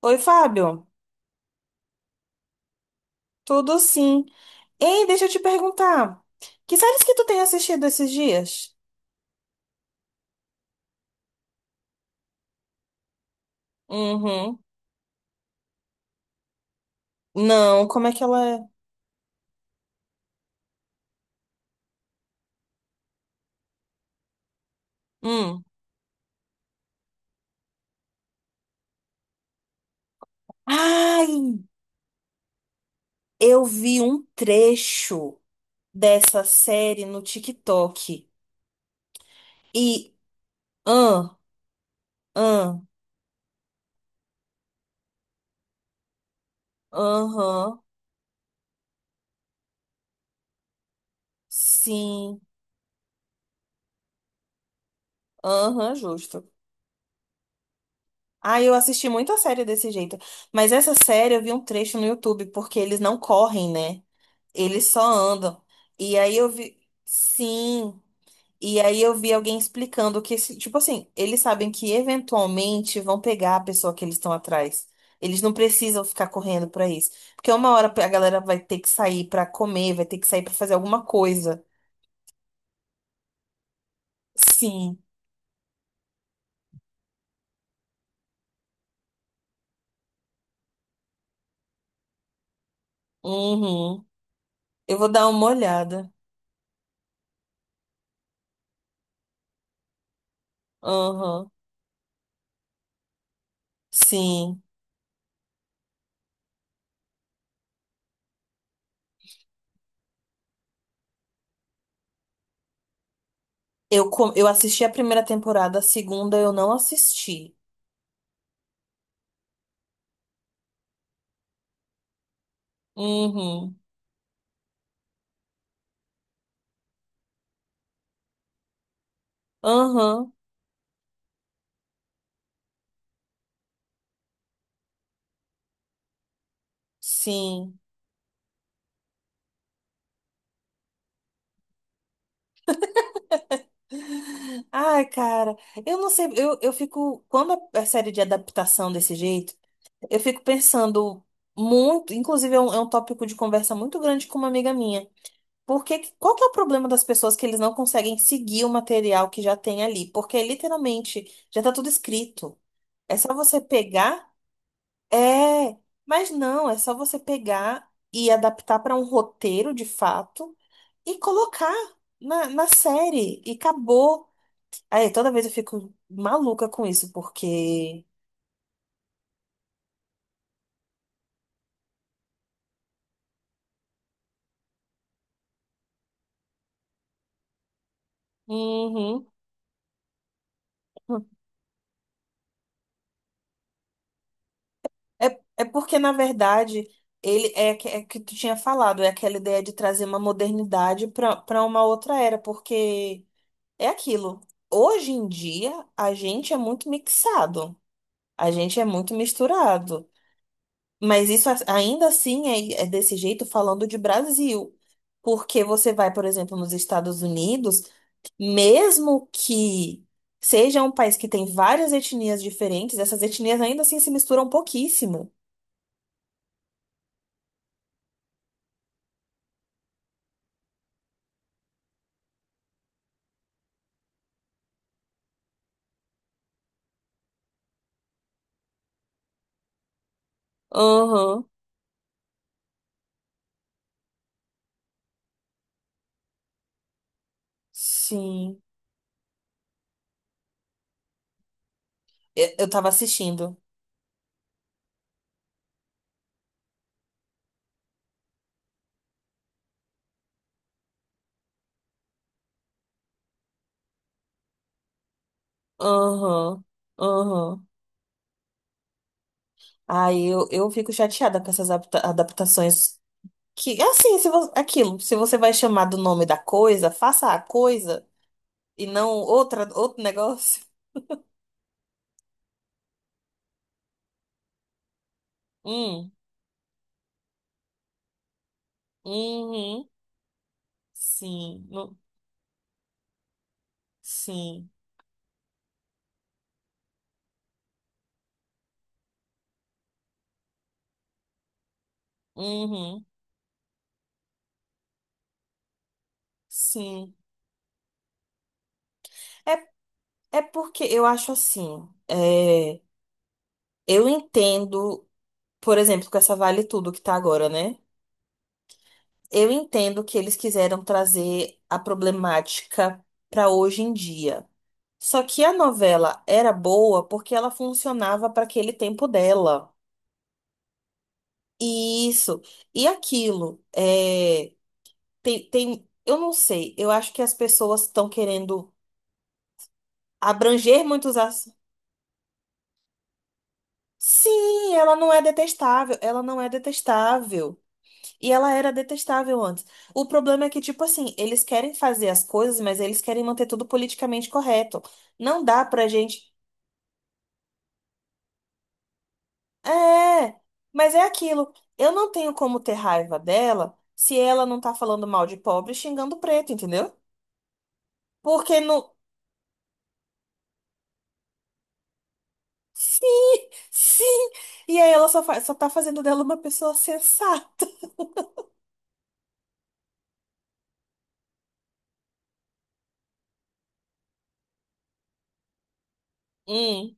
Oi, Fábio. Tudo sim. Ei, deixa eu te perguntar. Que séries que tu tem assistido esses dias? Uhum. Não, como é que ela é? Hum. Ai, eu vi um trecho dessa série no TikTok. E, ah, ah, aham, sim, aham, justo. Ah, eu assisti muita série desse jeito. Mas essa série eu vi um trecho no YouTube, porque eles não correm, né? Eles só andam. E aí eu vi. Sim. E aí eu vi alguém explicando que, tipo assim, eles sabem que eventualmente vão pegar a pessoa que eles estão atrás. Eles não precisam ficar correndo pra isso. Porque uma hora a galera vai ter que sair pra comer, vai ter que sair pra fazer alguma coisa. Sim. Uhum. Eu vou dar uma olhada. Uhum. Sim. Eu assisti a primeira temporada, a segunda eu não assisti. Uhum. Aham. Sim. Ai, cara, eu não sei, eu fico, quando a série de adaptação desse jeito, eu fico pensando muito, inclusive é um tópico de conversa muito grande com uma amiga minha. Porque qual que é o problema das pessoas que eles não conseguem seguir o material que já tem ali? Porque literalmente já tá tudo escrito. É só você pegar, é, mas não, é só você pegar e adaptar para um roteiro de fato e colocar na série e acabou. Aí toda vez eu fico maluca com isso, porque. Uhum. É porque, na verdade, é que tu tinha falado, é aquela ideia de trazer uma modernidade para para uma outra era, porque é aquilo. Hoje em dia, a gente é muito mixado, a gente é muito misturado. Mas isso ainda assim é desse jeito falando de Brasil. Porque você vai, por exemplo, nos Estados Unidos, mesmo que seja um país que tem várias etnias diferentes, essas etnias ainda assim se misturam pouquíssimo. Aham, sim. Eu tava assistindo. Aham, aham. Aí eu fico chateada com essas adaptações. Que, assim, se você, aquilo, se você vai chamar do nome da coisa, faça a coisa e não outra, outro negócio. Hum, uhum, sim, sim, uhum, sim. É, É porque eu acho assim, é, eu entendo, por exemplo, com essa Vale Tudo que tá agora, né? Eu entendo que eles quiseram trazer a problemática pra hoje em dia. Só que a novela era boa porque ela funcionava para aquele tempo dela. E isso. E aquilo. É, tem, eu não sei. Eu acho que as pessoas estão querendo abranger muitos assuntos. Sim, ela não é detestável. Ela não é detestável. E ela era detestável antes. O problema é que, tipo assim, eles querem fazer as coisas, mas eles querem manter tudo politicamente correto. Não dá pra gente. É, mas é aquilo. Eu não tenho como ter raiva dela se ela não tá falando mal de pobre e xingando preto, entendeu? Porque não. Sim, sim. E aí ela só tá fazendo dela uma pessoa sensata. Hum,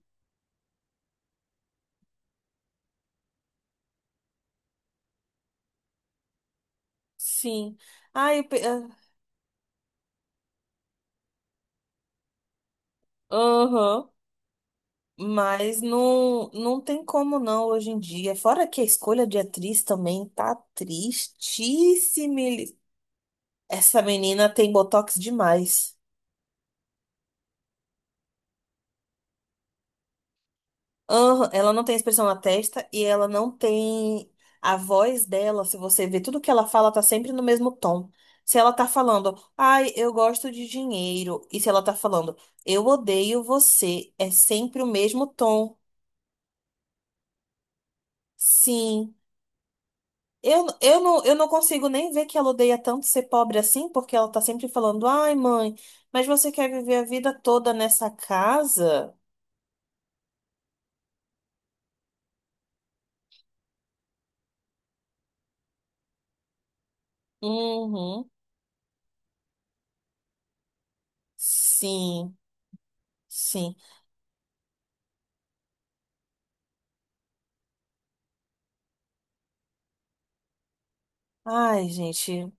sim. Ai, eu. Aham. Mas não, não tem como não hoje em dia. Fora que a escolha de atriz também tá tristíssima. Essa menina tem botox demais. Aham, ela não tem expressão na testa e ela não tem a voz dela. Se você ver tudo que ela fala, tá sempre no mesmo tom. Se ela tá falando, ai, eu gosto de dinheiro, e se ela tá falando, eu odeio você, é sempre o mesmo tom. Sim. Eu, não, eu não consigo nem ver que ela odeia tanto ser pobre assim, porque ela tá sempre falando, ai, mãe, mas você quer viver a vida toda nessa casa? Uhum. Sim, sim. Ai, gente,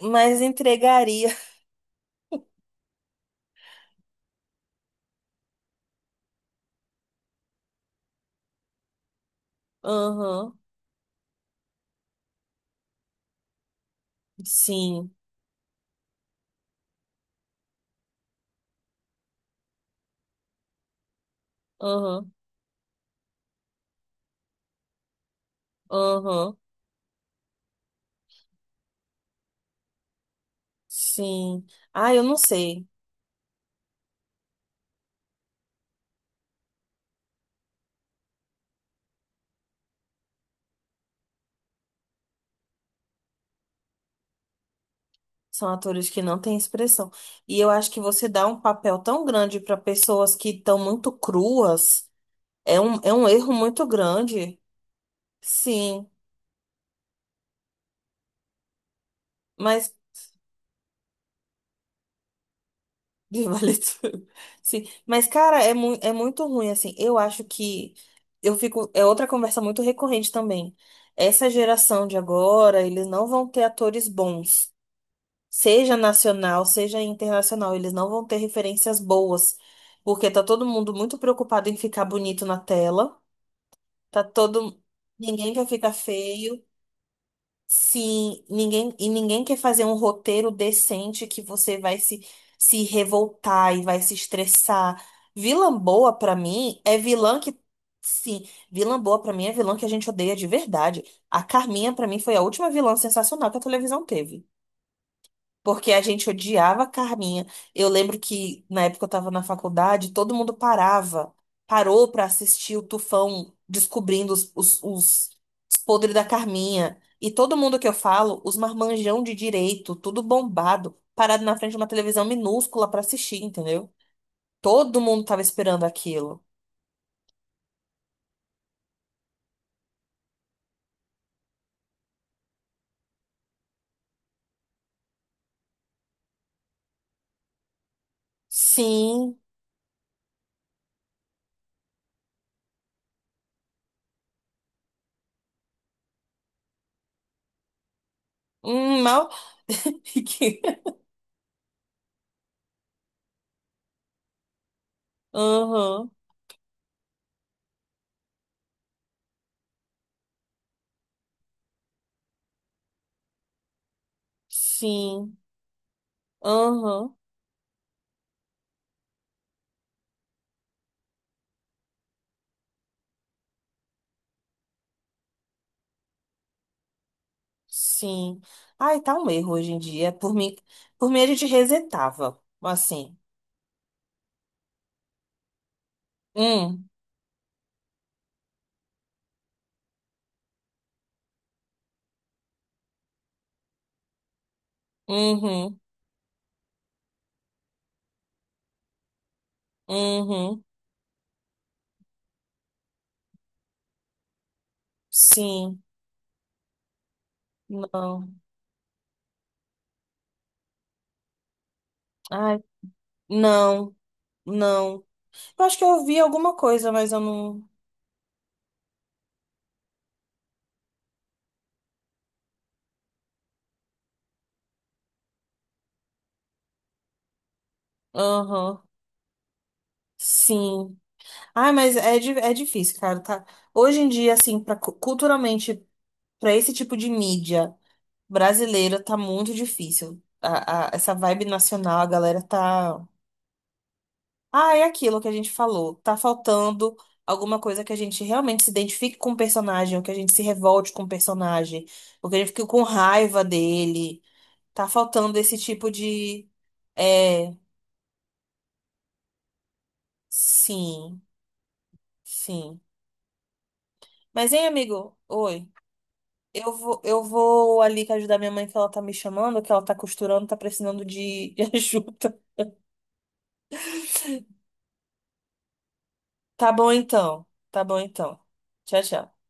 mas entregaria. Uhum. Sim. Uhum. Uhum. Sim. Ah, eu não sei. São atores que não têm expressão. E eu acho que você dá um papel tão grande para pessoas que estão muito cruas. É um erro muito grande. Sim, mas vale tudo. Sim, mas cara, é, mu é muito ruim assim. Eu acho que eu fico é outra conversa muito recorrente também. Essa geração de agora, eles não vão ter atores bons, seja nacional, seja internacional, eles não vão ter referências boas, porque tá todo mundo muito preocupado em ficar bonito na tela, tá todo ninguém quer ficar feio. Sim, ninguém, e ninguém quer fazer um roteiro decente que você vai se revoltar e vai se estressar. Vilã boa pra mim é vilã que. Sim, vilã boa pra mim é vilã que a gente odeia de verdade. A Carminha pra mim foi a última vilã sensacional que a televisão teve. Porque a gente odiava a Carminha. Eu lembro que na época eu tava na faculdade, todo mundo parava, parou pra assistir o Tufão descobrindo os podres da Carminha. E todo mundo que eu falo, os marmanjão de direito, tudo bombado, parado na frente de uma televisão minúscula pra assistir, entendeu? Todo mundo tava esperando aquilo. Sim. Mal. Aham. Sim. Aham. Sim. Ai, tá um erro hoje em dia. Por mim a gente resetava. Assim. Hum, uhum, uhum. Sim, não. Ai, não, não. Eu acho que eu ouvi alguma coisa, mas eu não. Aham. Sim. Ai, mas é difícil, cara, tá? Hoje em dia, assim, pra, culturalmente, pra esse tipo de mídia brasileira, tá muito difícil. Essa vibe nacional, a galera tá. Ah, é aquilo que a gente falou. Tá faltando alguma coisa que a gente realmente se identifique com o personagem, ou que a gente se revolte com o personagem, ou que a gente fique com raiva dele. Tá faltando esse tipo de. É, sim, sim. Mas, hein, amigo? Oi. Eu vou ali que ajudar minha mãe, que ela tá me chamando, que ela tá costurando, tá precisando de de ajuda. Tá bom então. Tá bom então. Tchau, tchau.